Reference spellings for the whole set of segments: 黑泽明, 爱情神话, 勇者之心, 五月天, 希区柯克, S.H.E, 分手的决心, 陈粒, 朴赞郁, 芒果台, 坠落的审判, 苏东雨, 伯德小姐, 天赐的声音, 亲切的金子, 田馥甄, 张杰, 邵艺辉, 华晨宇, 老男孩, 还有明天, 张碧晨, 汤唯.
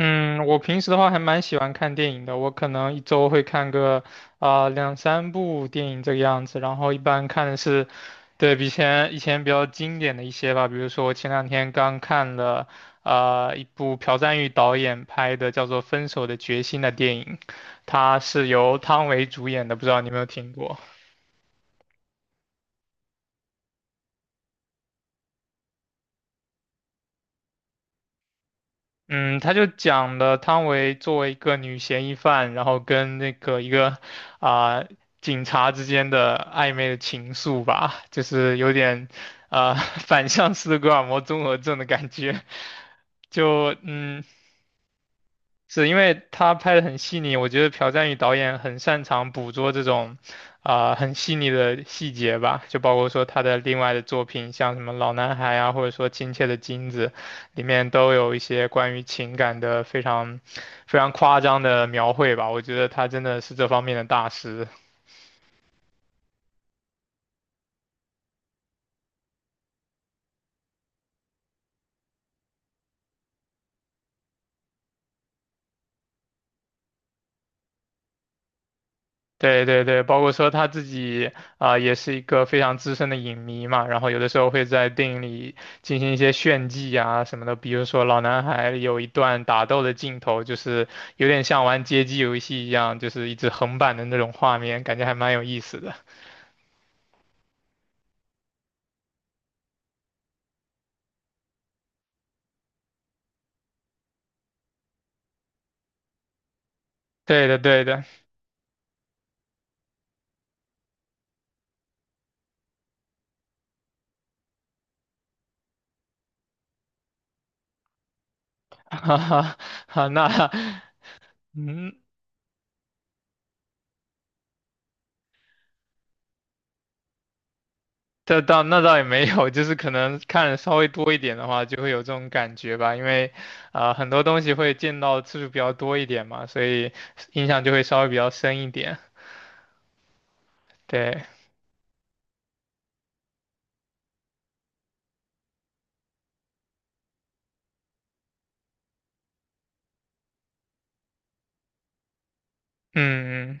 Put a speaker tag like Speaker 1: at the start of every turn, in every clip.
Speaker 1: 嗯，我平时的话还蛮喜欢看电影的，我可能一周会看个两三部电影这个样子，然后一般看的是，对，比以前比较经典的一些吧，比如说我前两天刚看了一部朴赞郁导演拍的叫做《分手的决心》的电影，它是由汤唯主演的，不知道你有没有听过？嗯，他就讲了汤唯作为一个女嫌疑犯，然后跟那个一个啊、警察之间的暧昧的情愫吧，就是有点啊、反向斯德哥尔摩综合症的感觉。就嗯，是因为他拍的很细腻，我觉得朴赞宇导演很擅长捕捉这种，很细腻的细节吧，就包括说他的另外的作品，像什么《老男孩》啊，或者说《亲切的金子》，里面都有一些关于情感的非常非常夸张的描绘吧，我觉得他真的是这方面的大师。对对对，包括说他自己也是一个非常资深的影迷嘛，然后有的时候会在电影里进行一些炫技啊什么的，比如说《老男孩》有一段打斗的镜头，就是有点像玩街机游戏一样，就是一直横版的那种画面，感觉还蛮有意思的。对的对的，哈哈，好，那嗯，这倒那倒也没有，就是可能看得稍微多一点的话，就会有这种感觉吧。因为，很多东西会见到次数比较多一点嘛，所以印象就会稍微比较深一点。对，嗯嗯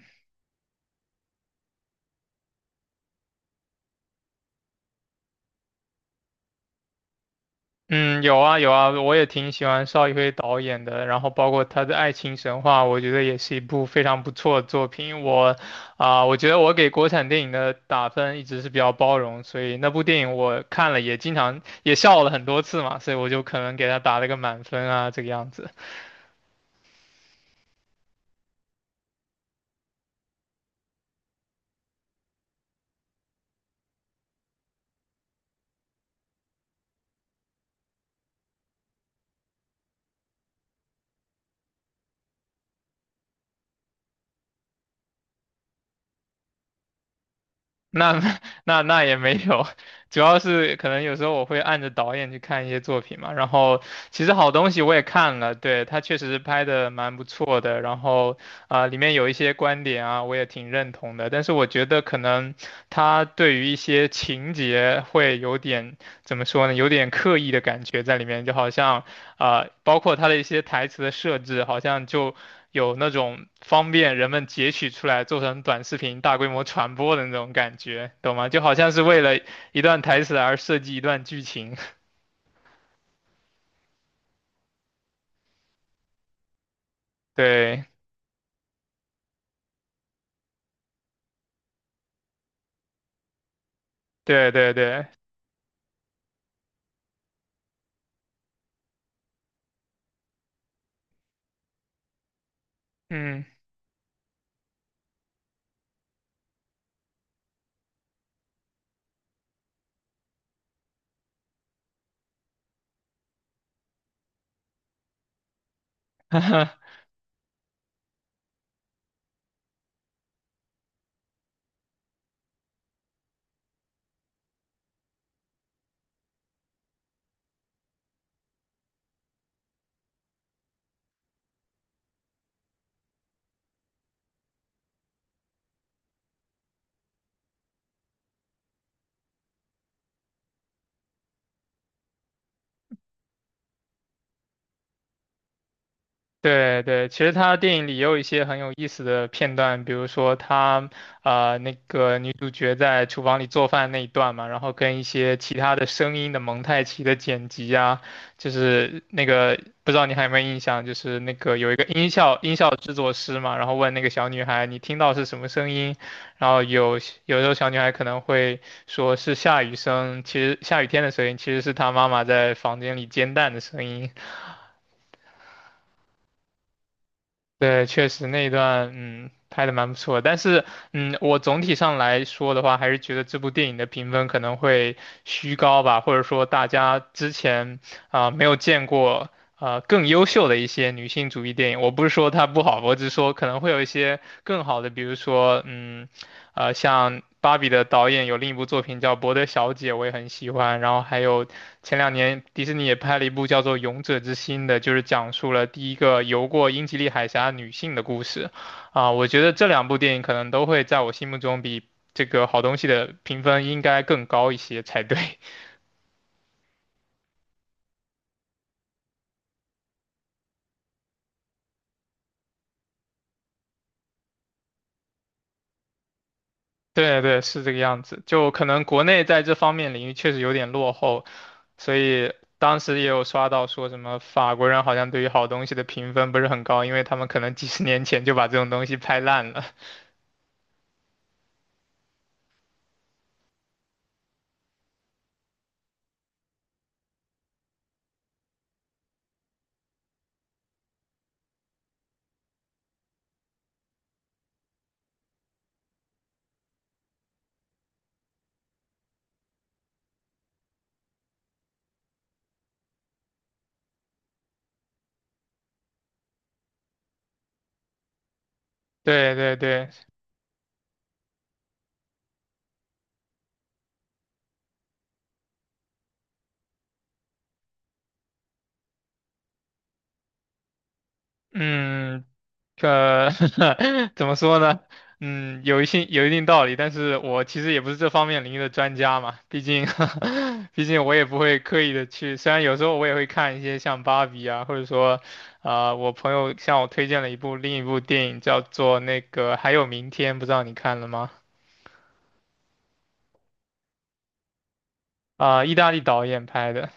Speaker 1: 嗯，有啊有啊，我也挺喜欢邵艺辉导演的，然后包括他的《爱情神话》，我觉得也是一部非常不错的作品。我觉得我给国产电影的打分一直是比较包容，所以那部电影我看了也经常也笑了很多次嘛，所以我就可能给他打了个满分啊，这个样子。那 那也没有，主要是可能有时候我会按着导演去看一些作品嘛，然后其实好东西我也看了，对，他确实是拍的蛮不错的，然后里面有一些观点啊我也挺认同的，但是我觉得可能他对于一些情节会有点怎么说呢，有点刻意的感觉在里面，就好像包括他的一些台词的设置，好像就，有那种方便人们截取出来做成短视频大规模传播的那种感觉，懂吗？就好像是为了一段台词而设计一段剧情。对，对，对，对，嗯，对对，其实他电影里也有一些很有意思的片段，比如说他那个女主角在厨房里做饭那一段嘛，然后跟一些其他的声音的蒙太奇的剪辑啊，就是那个不知道你还有没有印象，就是那个有一个音效制作师嘛，然后问那个小女孩你听到是什么声音，然后有时候小女孩可能会说是下雨声，其实下雨天的声音其实是她妈妈在房间里煎蛋的声音。对，确实那一段，嗯，拍的蛮不错的但是，嗯，我总体上来说的话，还是觉得这部电影的评分可能会虚高吧，或者说大家之前没有见过啊更优秀的一些女性主义电影。我不是说它不好，我只是说可能会有一些更好的，比如说，嗯，呃，像芭比的导演有另一部作品叫《伯德小姐》，我也很喜欢，然后还有前两年迪士尼也拍了一部叫做《勇者之心》的，就是讲述了第一个游过英吉利海峡女性的故事。啊，我觉得这两部电影可能都会在我心目中比这个好东西的评分应该更高一些才对。对对，是这个样子。就可能国内在这方面领域确实有点落后，所以当时也有刷到说什么法国人好像对于好东西的评分不是很高，因为他们可能几十年前就把这种东西拍烂了。对对对。嗯，呃，怎么说呢？嗯，有一些有一定道理，但是我其实也不是这方面领域的专家嘛，毕竟，毕竟我也不会刻意的去，虽然有时候我也会看一些像芭比啊，或者说，我朋友向我推荐了一部另一部电影叫做那个《还有明天》，不知道你看了吗？意大利导演拍的。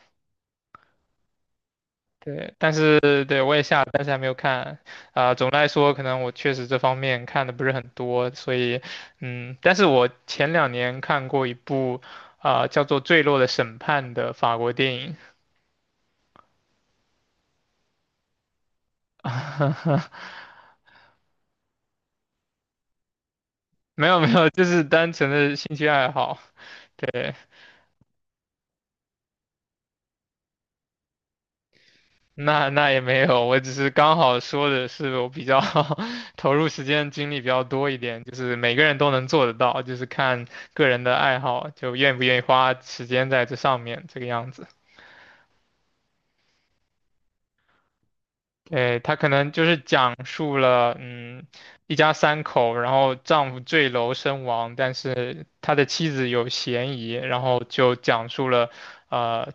Speaker 1: 对，但是对我也下了，但是还没有看。总的来说，可能我确实这方面看的不是很多，所以，嗯，但是我前两年看过一部，叫做《坠落的审判》的法国电影，没有没有，就是单纯的兴趣爱好。对，那也没有，我只是刚好说的是我比较 投入时间精力比较多一点，就是每个人都能做得到，就是看个人的爱好，就愿不愿意花时间在这上面，这个样子。对，他可能就是讲述了，嗯，一家三口，然后丈夫坠楼身亡，但是他的妻子有嫌疑，然后就讲述了，呃，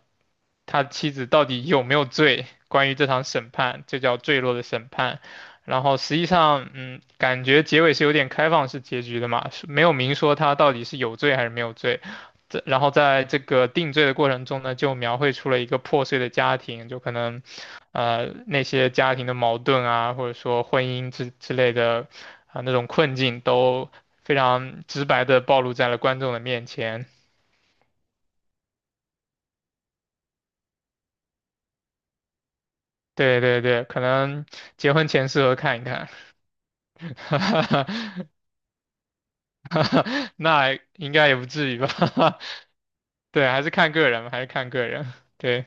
Speaker 1: 他妻子到底有没有罪，关于这场审判，这叫坠落的审判。然后实际上，嗯，感觉结尾是有点开放式结局的嘛，是没有明说他到底是有罪还是没有罪。这然后在这个定罪的过程中呢，就描绘出了一个破碎的家庭，就可能。呃那些家庭的矛盾啊，或者说婚姻之类的那种困境，都非常直白的暴露在了观众的面前。对对对，可能结婚前适合看一看，那应该也不至于吧？对，还是看个人，还是看个人。对，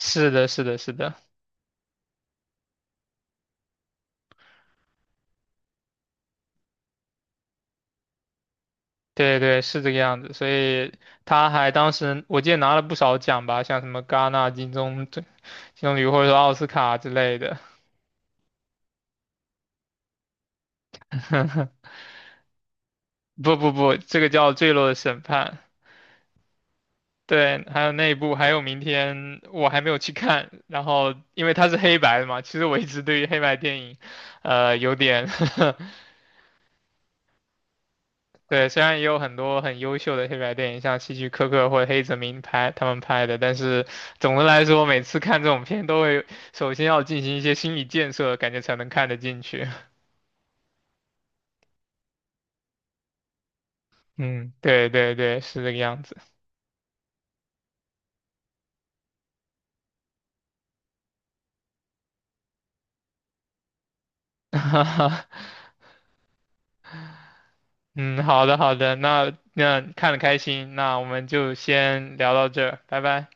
Speaker 1: 是的，是的，是的，对对，是这个样子。所以他还当时我记得拿了不少奖吧，像什么戛纳金棕榈或者说奥斯卡之类的。不不不，这个叫《坠落的审判》。对，还有那一部，还有明天我还没有去看。然后因为它是黑白的嘛，其实我一直对于黑白电影，有点 对，虽然也有很多很优秀的黑白电影，像希区柯克或者黑泽明拍他们拍的，但是总的来说，每次看这种片都会首先要进行一些心理建设，感觉才能看得进去。嗯，对对对，是这个样子。嗯，好的好的，那那看的开心，那我们就先聊到这儿，拜拜。